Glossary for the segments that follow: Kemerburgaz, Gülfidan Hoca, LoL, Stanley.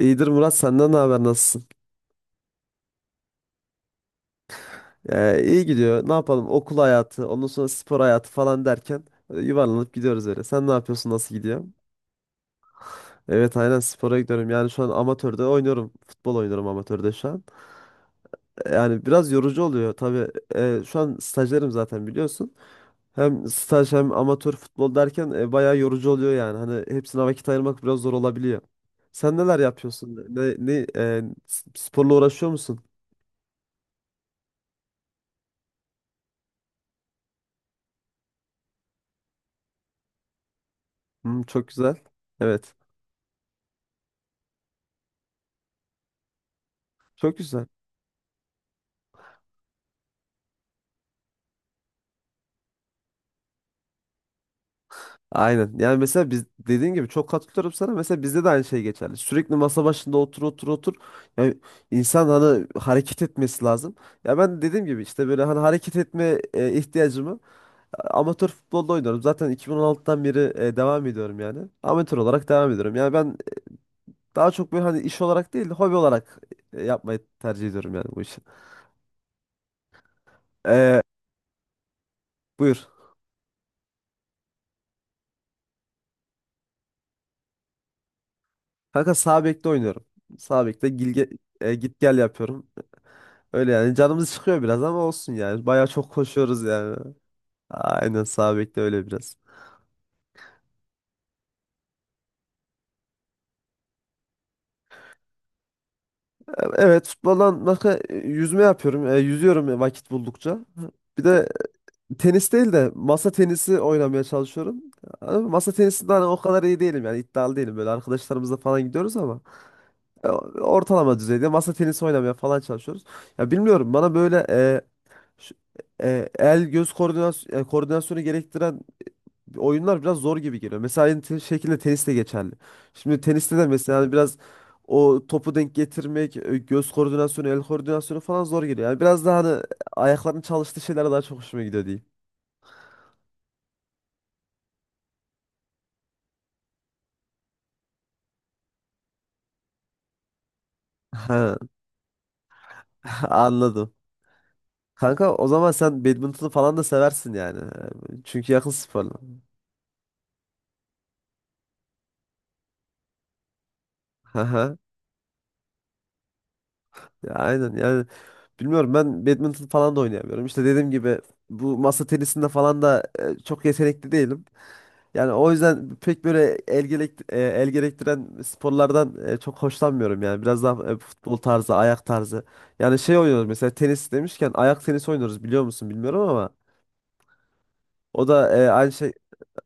İyidir Murat, senden ne haber, nasılsın? İyi gidiyor. Ne yapalım? Okul hayatı, ondan sonra spor hayatı falan derken yuvarlanıp gidiyoruz öyle. Sen ne yapıyorsun? Nasıl gidiyor? Evet, aynen, spora gidiyorum. Yani şu an amatörde oynuyorum. Futbol oynuyorum amatörde şu an. Yani biraz yorucu oluyor tabii. Şu an stajyerim zaten, biliyorsun. Hem staj hem amatör futbol derken bayağı yorucu oluyor yani. Hani hepsine vakit ayırmak biraz zor olabiliyor. Sen neler yapıyorsun? Sporla uğraşıyor musun? Hmm, çok güzel. Evet. Çok güzel. Aynen. Yani mesela biz, dediğin gibi, çok katılıyorum sana. Mesela bizde de aynı şey geçerli. Sürekli masa başında otur otur otur. Yani insan hani hareket etmesi lazım. Ya ben dediğim gibi işte böyle hani hareket etme ihtiyacımı amatör futbolda oynuyorum. Zaten 2016'dan beri devam ediyorum yani. Amatör olarak devam ediyorum. Yani ben daha çok böyle hani iş olarak değil, hobi olarak yapmayı tercih ediyorum yani bu işi. E, Buyur. Kanka sağ bekte oynuyorum. Sağ bekte git gel yapıyorum. Öyle yani, canımız çıkıyor biraz ama olsun yani. Bayağı çok koşuyoruz yani. Aynen, sağ bekle öyle biraz. Evet, futboldan başka yüzme yapıyorum. Yüzüyorum vakit buldukça. Bir de tenis değil de masa tenisi oynamaya çalışıyorum. Ama masa tenisinde hani o kadar iyi değilim yani, iddialı değilim. Böyle arkadaşlarımızla falan gidiyoruz ama e, ortalama düzeyde masa tenisi oynamaya falan çalışıyoruz. Ya bilmiyorum, bana böyle şu- el göz koordinasyonu gerektiren oyunlar biraz zor gibi geliyor. Mesela aynı şekilde tenis de geçerli. Şimdi teniste de mesela hani biraz o topu denk getirmek, göz koordinasyonu, el koordinasyonu falan zor geliyor. Yani biraz daha hani ayakların çalıştığı şeyler daha çok hoşuma gidiyor diyeyim. Ha, anladım. Kanka, o zaman sen badminton'u falan da seversin yani. Çünkü yakın sporla. Haha. Ya aynen yani, bilmiyorum, ben badminton falan da oynayamıyorum. İşte dediğim gibi bu masa tenisinde falan da çok yetenekli değilim. Yani o yüzden pek böyle el gerektiren sporlardan çok hoşlanmıyorum yani. Biraz daha futbol tarzı, ayak tarzı. Yani şey oynuyoruz mesela, tenis demişken ayak tenisi oynuyoruz, biliyor musun bilmiyorum ama o da aynı şey,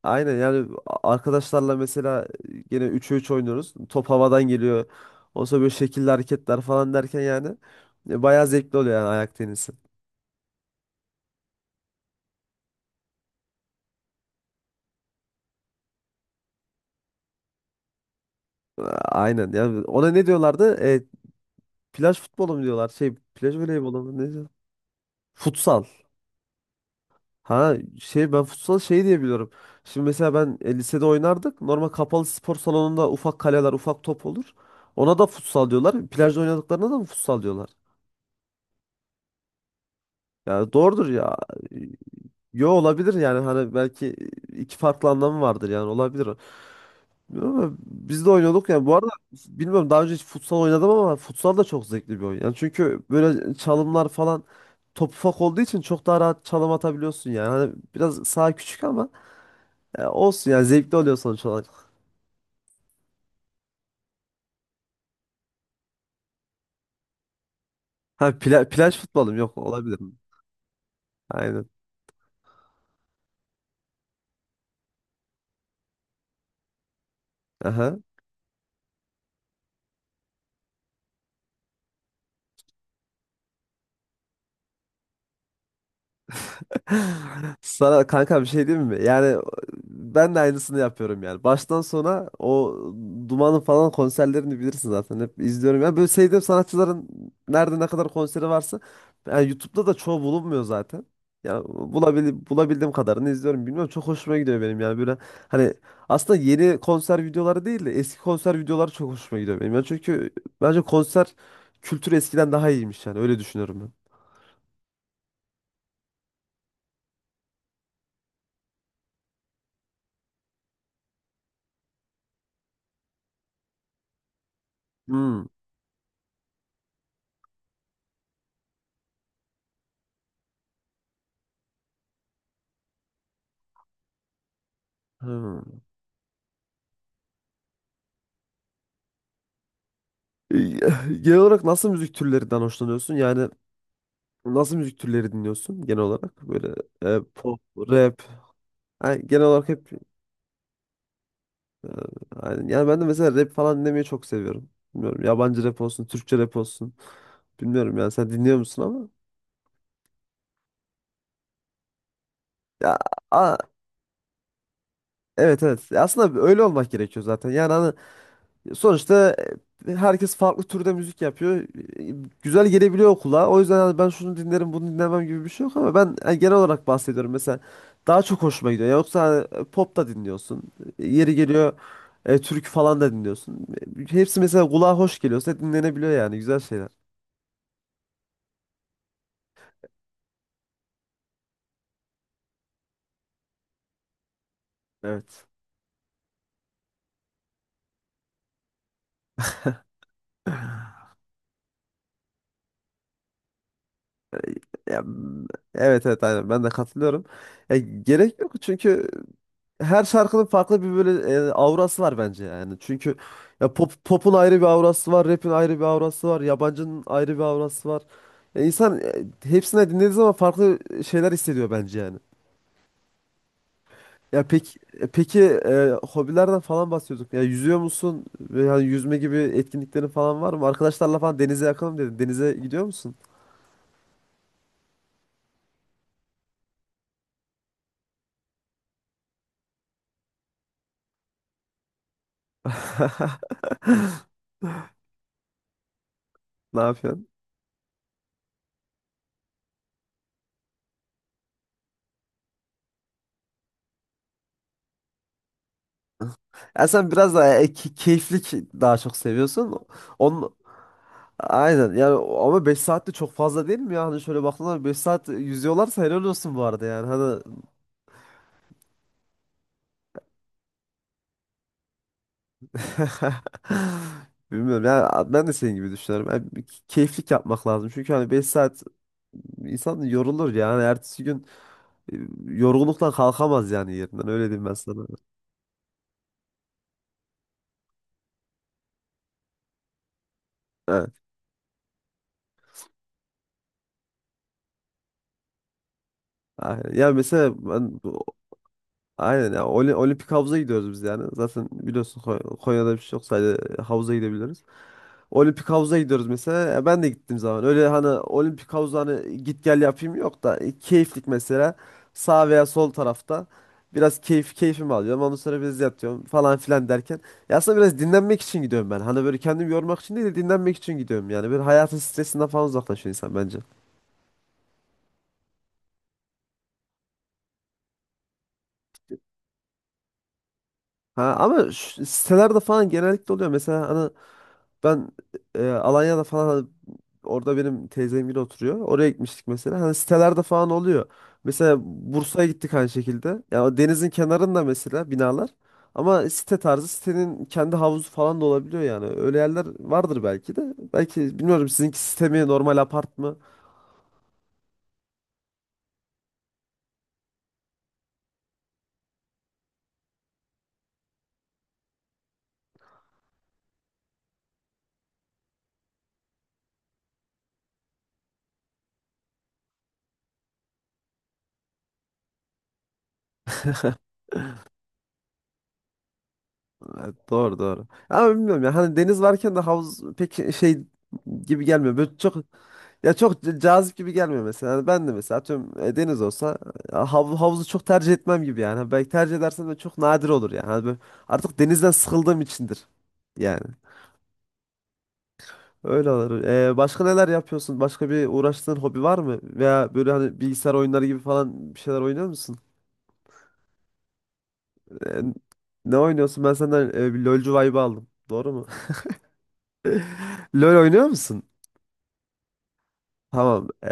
aynen yani, arkadaşlarla mesela yine 3'e 3 oynuyoruz. Top havadan geliyor. Ondan sonra böyle şekilli hareketler falan derken yani bayağı zevkli oluyor yani ayak tenisi. A- Aynen yani, ona ne diyorlardı? Plaj futbolu mu diyorlar? Şey, plaj voleybolu mu ne diyor? Futsal. Ha, şey, ben futsal şey diye biliyorum. Şimdi mesela ben lisede oynardık. Normal kapalı spor salonunda ufak kaleler, ufak top olur. Ona da futsal diyorlar. Plajda oynadıklarına da mı futsal diyorlar? Yani doğrudur ya. Yo, olabilir yani, hani belki iki farklı anlamı vardır yani, olabilir o. Bilmiyorum ama biz de oynuyorduk yani, bu arada bilmiyorum, daha önce hiç futsal oynadım ama futsal da çok zevkli bir oyun. Yani çünkü böyle çalımlar falan, top ufak olduğu için çok daha rahat çalım atabiliyorsun yani. Hani biraz saha küçük ama ya olsun ya, zevkli oluyor sonuç olarak. Ha, plaj futbolu mu? Yok, olabilir mi? Aynen. Aha. Sana kanka bir şey diyeyim mi? Yani ben de aynısını yapıyorum yani. Baştan sona o Duman'ın falan konserlerini bilirsin zaten. Hep izliyorum. Yani böyle sevdiğim sanatçıların nerede ne kadar konseri varsa, yani YouTube'da da çoğu bulunmuyor zaten. Ya bulabildiğim kadarını izliyorum. Bilmiyorum, çok hoşuma gidiyor benim yani, böyle hani aslında yeni konser videoları değil de eski konser videoları çok hoşuma gidiyor benim. Yani çünkü bence konser kültürü eskiden daha iyiymiş yani, öyle düşünüyorum ben. Hmm. Hmm. E, Genel olarak nasıl müzik türlerinden hoşlanıyorsun? Yani nasıl müzik türleri dinliyorsun genel olarak? Böyle pop, rap. Yani genel olarak hep yani, yani ben de mesela rap falan dinlemeyi çok seviyorum. Bilmiyorum, yabancı rap olsun, Türkçe rap olsun. Bilmiyorum yani, sen dinliyor musun ama ya a- evet, evet. Ya aslında öyle olmak gerekiyor zaten. Yani hani sonuçta herkes farklı türde müzik yapıyor. Güzel gelebiliyor kulağa. O yüzden hani ben şunu dinlerim, bunu dinlemem gibi bir şey yok ama ben genel olarak bahsediyorum. Mesela daha çok hoşuma gidiyor. Yoksa hani, pop da dinliyorsun. Yeri geliyor türkü falan da dinliyorsun. Hepsi mesela kulağa hoş geliyorsa dinlenebiliyor yani, güzel şeyler. Evet. Ya, evet, evet, aynen, ben de katılıyorum. Ya, gerek yok çünkü her şarkının farklı bir böyle aurası var bence yani. Çünkü ya pop'un ayrı bir aurası var, rap'in ayrı bir aurası var, yabancının ayrı bir aurası var. Ya insan hepsine dinlediği zaman farklı şeyler hissediyor bence yani. Ya peki, peki hobilerden falan bahsediyorduk. Ya yüzüyor musun? Veya yüzme gibi etkinliklerin falan var mı? Arkadaşlarla falan denize yakınım dedin. Denize gidiyor musun? Ne yapıyorsun? Ya sen biraz daha keyiflik daha çok seviyorsun. Onun, aynen yani, ama 5 saat de çok fazla değil mi ya? Hani şöyle baktığında 5 saat yüzüyorlarsa helal olsun bu arada yani. Hani bilmiyorum yani, ben de senin gibi düşünüyorum. Yani bir keyiflik yapmak lazım. Çünkü hani 5 saat insan yorulur yani. Ertesi gün e, yorgunlukla kalkamaz yani yerinden, öyle diyeyim ben sana. Evet. Aynen. Ya mesela ben aynen ya, olimpik havuza gidiyoruz biz yani. Zaten biliyorsun Konya'da bir şey yok, sadece havuza gidebiliriz. Olimpik havuza gidiyoruz mesela. Ya ben de gittiğim zaman öyle hani olimpik havuza hani git gel yapayım yok da keyiflik mesela sağ veya sol tarafta biraz keyfimi alıyorum. Ondan sonra biraz yatıyorum falan filan derken. Ya aslında biraz dinlenmek için gidiyorum ben. Hani böyle kendimi yormak için değil de dinlenmek için gidiyorum yani. Böyle hayatın stresinden falan uzaklaşıyor insan bence. Ha, ama şu sitelerde falan genellikle oluyor. Mesela hani ben Alanya'da falan, orada benim teyzemgil oturuyor. Oraya gitmiştik mesela. Hani sitelerde falan oluyor. Mesela Bursa'ya gittik aynı şekilde. Ya o denizin kenarında mesela binalar. Ama site tarzı, sitenin kendi havuzu falan da olabiliyor yani. Öyle yerler vardır belki de. Belki bilmiyorum, sizinki site mi normal apart mı? Doğru, doğru. Ama bilmiyorum ya, hani deniz varken de havuz pek şey gibi gelmiyor. Böyle çok, ya çok cazip gibi gelmiyor mesela. Yani ben de mesela tüm deniz olsa ya havuzu çok tercih etmem gibi yani. Ha, belki tercih edersem de çok nadir olur yani. Hani böyle artık denizden sıkıldığım içindir. Yani öyle olur. Başka neler yapıyorsun? Başka bir uğraştığın hobi var mı? Veya böyle hani bilgisayar oyunları gibi falan bir şeyler oynuyor musun? Ee, Ne oynuyorsun? Ben senden bir LoL'cu vibe aldım. Doğru mu? LoL oynuyor musun? Tamam.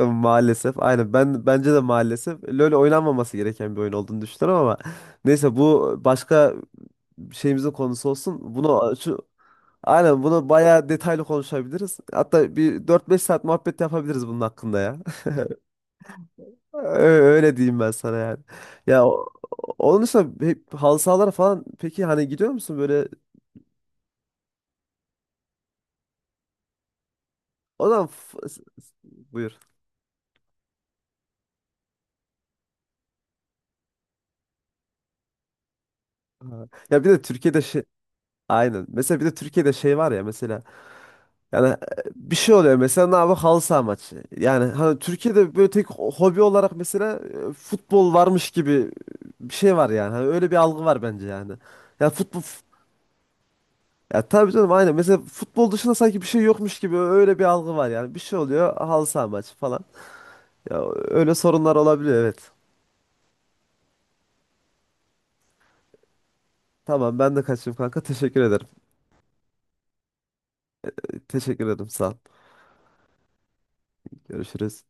Ya maalesef. Aynen. Ben bence de maalesef LoL oynanmaması gereken bir oyun olduğunu düşünüyorum ama neyse, bu başka şeyimizin konusu olsun. Bunu şu Aynen, bunu bayağı detaylı konuşabiliriz. Hatta bir 4-5 saat muhabbet yapabiliriz bunun hakkında ya. Öyle diyeyim ben sana yani. Ya onun dışında hep halı sahalara falan peki hani gidiyor musun böyle? O zaman buyur. Ha. Ya bir de Türkiye'de şey, aynen. Mesela bir de Türkiye'de şey var ya, mesela yani bir şey oluyor mesela, ne yapıyor, halı saha maçı. Yani hani Türkiye'de böyle tek hobi olarak mesela futbol varmış gibi bir şey var yani. Hani öyle bir algı var bence yani. Ya futbol Ya tabii canım, aynen. Mesela futbol dışında sanki bir şey yokmuş gibi öyle bir algı var yani. Bir şey oluyor, halı saha maçı falan. Ya öyle sorunlar olabiliyor, evet. Tamam, ben de kaçayım kanka. Teşekkür ederim. Teşekkür ederim, sağ ol. Görüşürüz.